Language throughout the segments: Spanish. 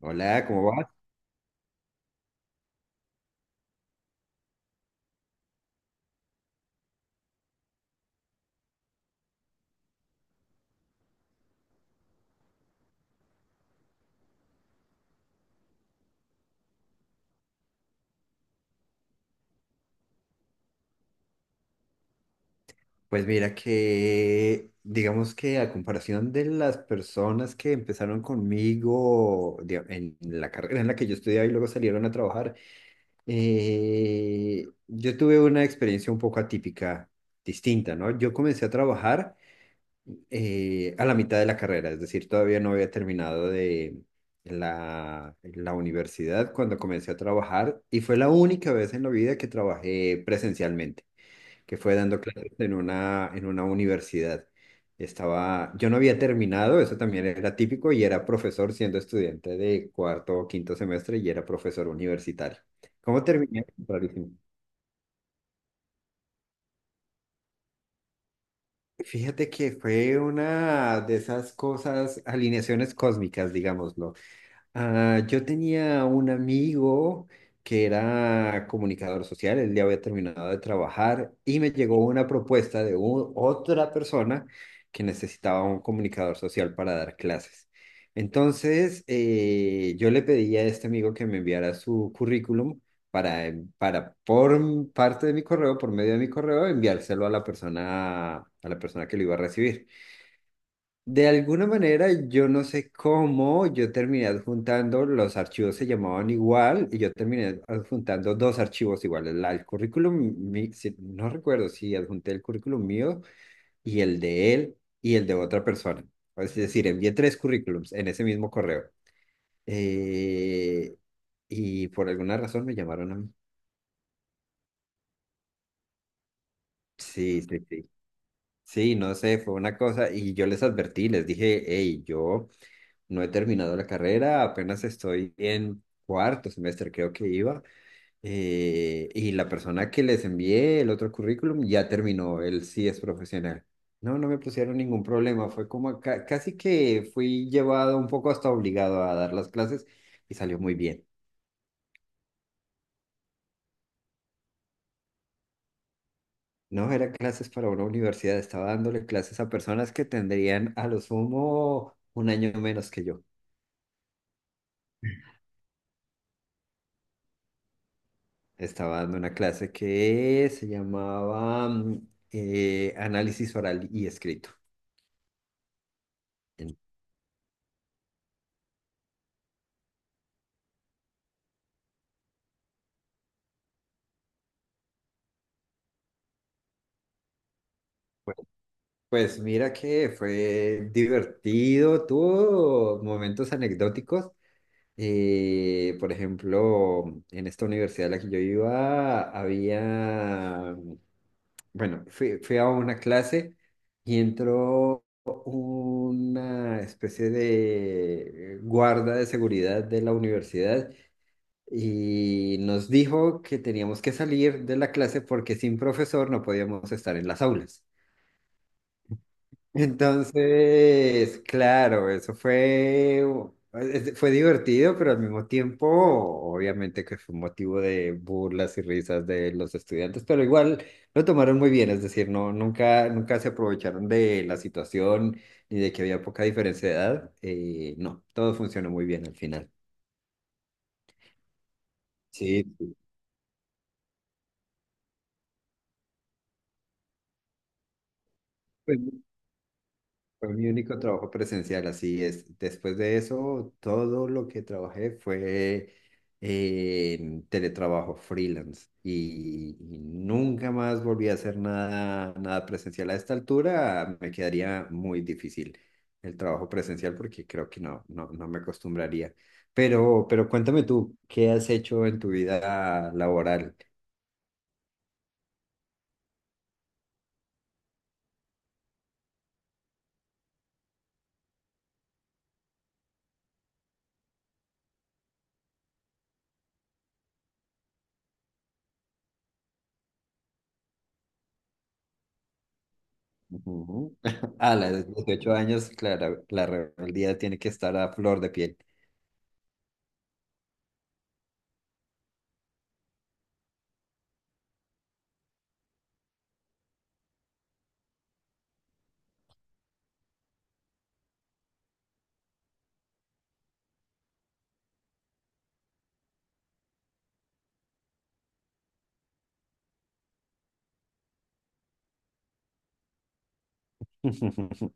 Hola, ¿cómo vas? Pues mira que, digamos que a comparación de las personas que empezaron conmigo en la carrera en la que yo estudiaba y luego salieron a trabajar, yo tuve una experiencia un poco atípica, distinta, ¿no? Yo comencé a trabajar a la mitad de la carrera, es decir, todavía no había terminado de la universidad cuando comencé a trabajar y fue la única vez en la vida que trabajé presencialmente. Que fue dando clases en una universidad. Estaba, yo no había terminado, eso también era típico, y era profesor siendo estudiante de cuarto o quinto semestre y era profesor universitario. ¿Cómo terminé? Rarísimo. Fíjate que fue una de esas cosas, alineaciones cósmicas, digámoslo. Ah, yo tenía un amigo que era comunicador social, él ya había terminado de trabajar y me llegó una propuesta de otra persona que necesitaba un comunicador social para dar clases. Entonces, yo le pedí a este amigo que me enviara su currículum para, parte de mi correo, por medio de mi correo, enviárselo a la persona que lo iba a recibir. De alguna manera, yo no sé cómo, yo terminé adjuntando, los archivos se llamaban igual y yo terminé adjuntando dos archivos iguales, el currículum, no recuerdo si adjunté el currículum mío y el de él y el de otra persona. Es decir, envié tres currículums en ese mismo correo. Eh, y por alguna razón me llamaron a mí. Sí, sí, sí. Sí, no sé, fue una cosa y yo les advertí, les dije, hey, yo... No he terminado la carrera, apenas estoy en cuarto semestre, creo que iba. Y la persona que les envié el otro currículum ya terminó, él sí es profesional. No, no me pusieron ningún problema, fue como casi que fui llevado un poco hasta obligado a dar las clases y salió muy bien. No eran clases para una universidad, estaba dándole clases a personas que tendrían a lo sumo un año menos que yo. Estaba dando una clase que se llamaba Análisis Oral y Escrito. En- Pues pues mira que fue divertido, tuvo momentos anecdóticos. Por ejemplo, en esta universidad a la que yo iba, había, bueno, fui a una clase y entró una especie de guarda de seguridad de la universidad y nos dijo que teníamos que salir de la clase porque sin profesor no podíamos estar en las aulas. Entonces, claro, eso fue, fue divertido, pero al mismo tiempo, obviamente que fue un motivo de burlas y risas de los estudiantes, pero igual lo tomaron muy bien, es decir, no, nunca se aprovecharon de la situación ni de que había poca diferencia de edad. No, todo funcionó muy bien al final. Sí. Sí. Fue mi único trabajo presencial, así es. Después de eso, todo lo que trabajé fue en teletrabajo freelance y nunca más volví a hacer nada, nada presencial. A esta altura me quedaría muy difícil el trabajo presencial porque creo que no me acostumbraría. Pero cuéntame tú, ¿qué has hecho en tu vida laboral? Ujú. A los 18 años, claro, la rebeldía tiene que estar a flor de piel.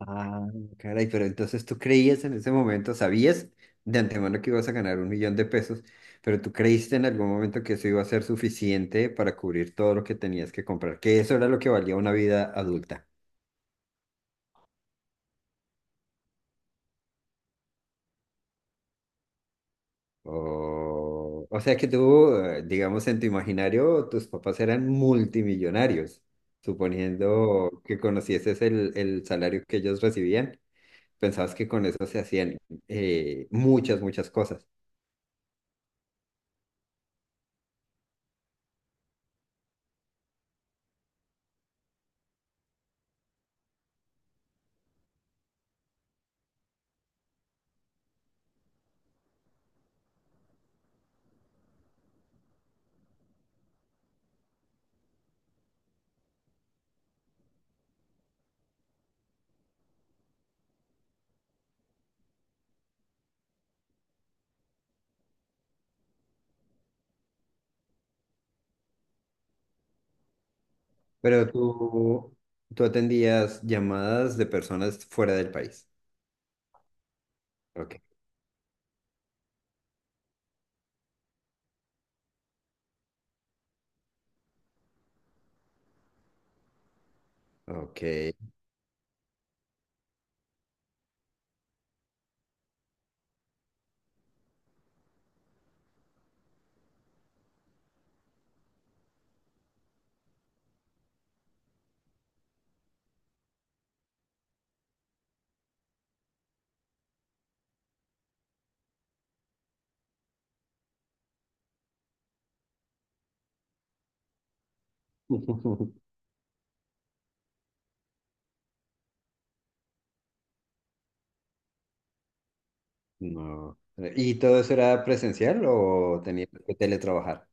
Ah, caray, pero entonces tú creías en ese momento, sabías de antemano que ibas a ganar un millón de pesos, pero tú creíste en algún momento que eso iba a ser suficiente para cubrir todo lo que tenías que comprar, que eso era lo que valía una vida adulta. O sea que tú, digamos, en tu imaginario, tus papás eran multimillonarios, suponiendo que conocieses el salario que ellos recibían, pensabas que con eso se hacían muchas, muchas cosas. Pero tú atendías llamadas de personas fuera del país. Ok, ok. No. ¿Y todo eso era presencial o tenías que teletrabajar?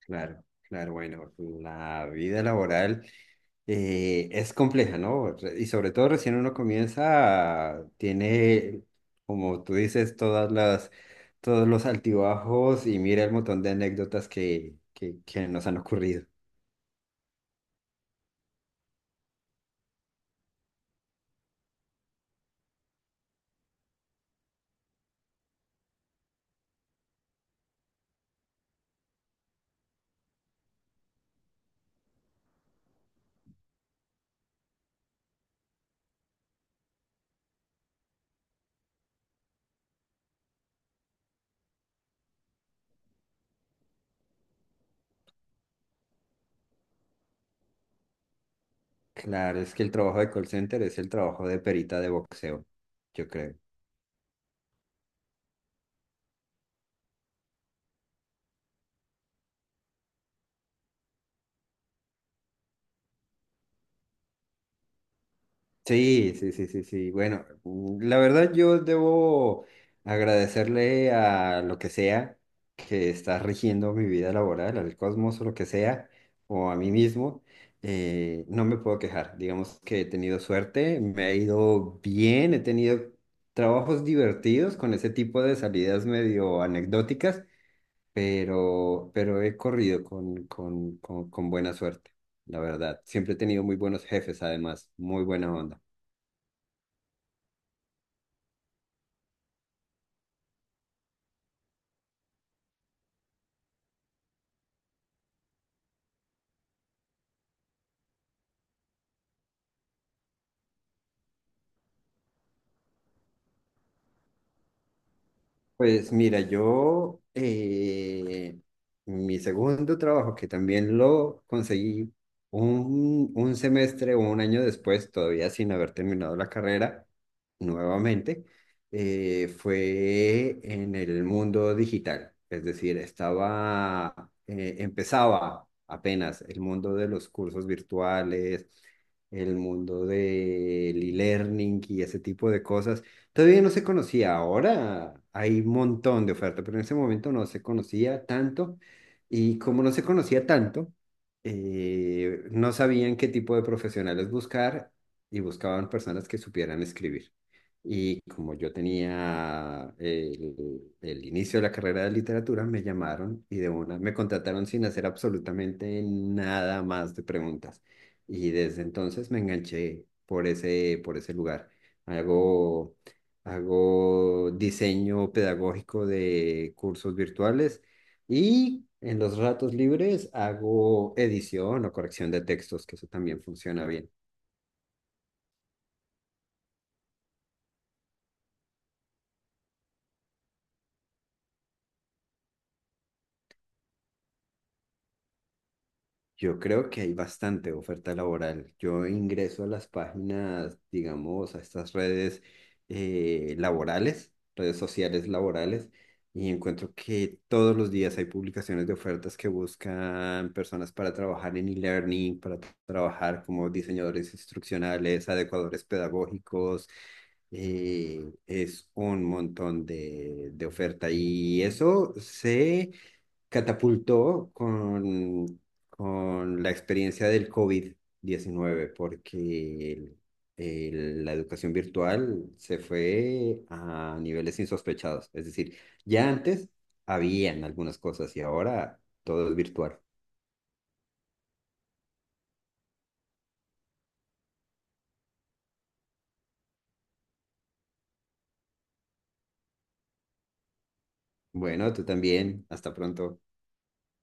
Claro, claro, bueno, la vida laboral es compleja, ¿no? Y sobre todo recién uno comienza, tiene, como tú dices, todos los altibajos y mira el montón de anécdotas que nos han ocurrido. Claro, es que el trabajo de call center es el trabajo de perita de boxeo, yo creo. Sí, sí, sí, sí, sí. Bueno, la verdad yo debo agradecerle a lo que sea que está rigiendo mi vida laboral, al cosmos o lo que sea, o a mí mismo. No me puedo quejar. Digamos que he tenido suerte, me ha ido bien, he tenido trabajos divertidos con ese tipo de salidas medio anecdóticas. Pero he corrido con, con buena suerte, la verdad. Siempre he tenido muy buenos jefes, además, muy buena onda. Pues mira, yo, mi segundo trabajo, que también lo conseguí un semestre o un año después, todavía sin haber terminado la carrera, nuevamente, fue en el mundo digital. Es decir, estaba, empezaba apenas el mundo de los cursos virtuales, el mundo del e-learning y ese tipo de cosas. Todavía no se conocía, ahora hay un montón de oferta, pero en ese momento no se conocía tanto y como no se conocía tanto, no sabían qué tipo de profesionales buscar y buscaban personas que supieran escribir. Y como yo tenía el inicio de la carrera de literatura, me llamaron y de una me contrataron sin hacer absolutamente nada más de preguntas. Y desde entonces me enganché por por ese lugar. Hago Hago diseño pedagógico de cursos virtuales y en los ratos libres hago edición o corrección de textos, que eso también funciona bien. Yo creo que hay bastante oferta laboral. Yo ingreso a las páginas, digamos, a estas redes laborales, redes sociales laborales, y encuentro que todos los días hay publicaciones de ofertas que buscan personas para trabajar en e-learning, para trabajar como diseñadores instruccionales, adecuadores pedagógicos. eh, es un montón de oferta y eso se catapultó con la experiencia del COVID-19 porque la educación virtual se fue a niveles insospechados. Es decir, ya antes habían algunas cosas y ahora todo es virtual. Bueno, tú también. Hasta pronto.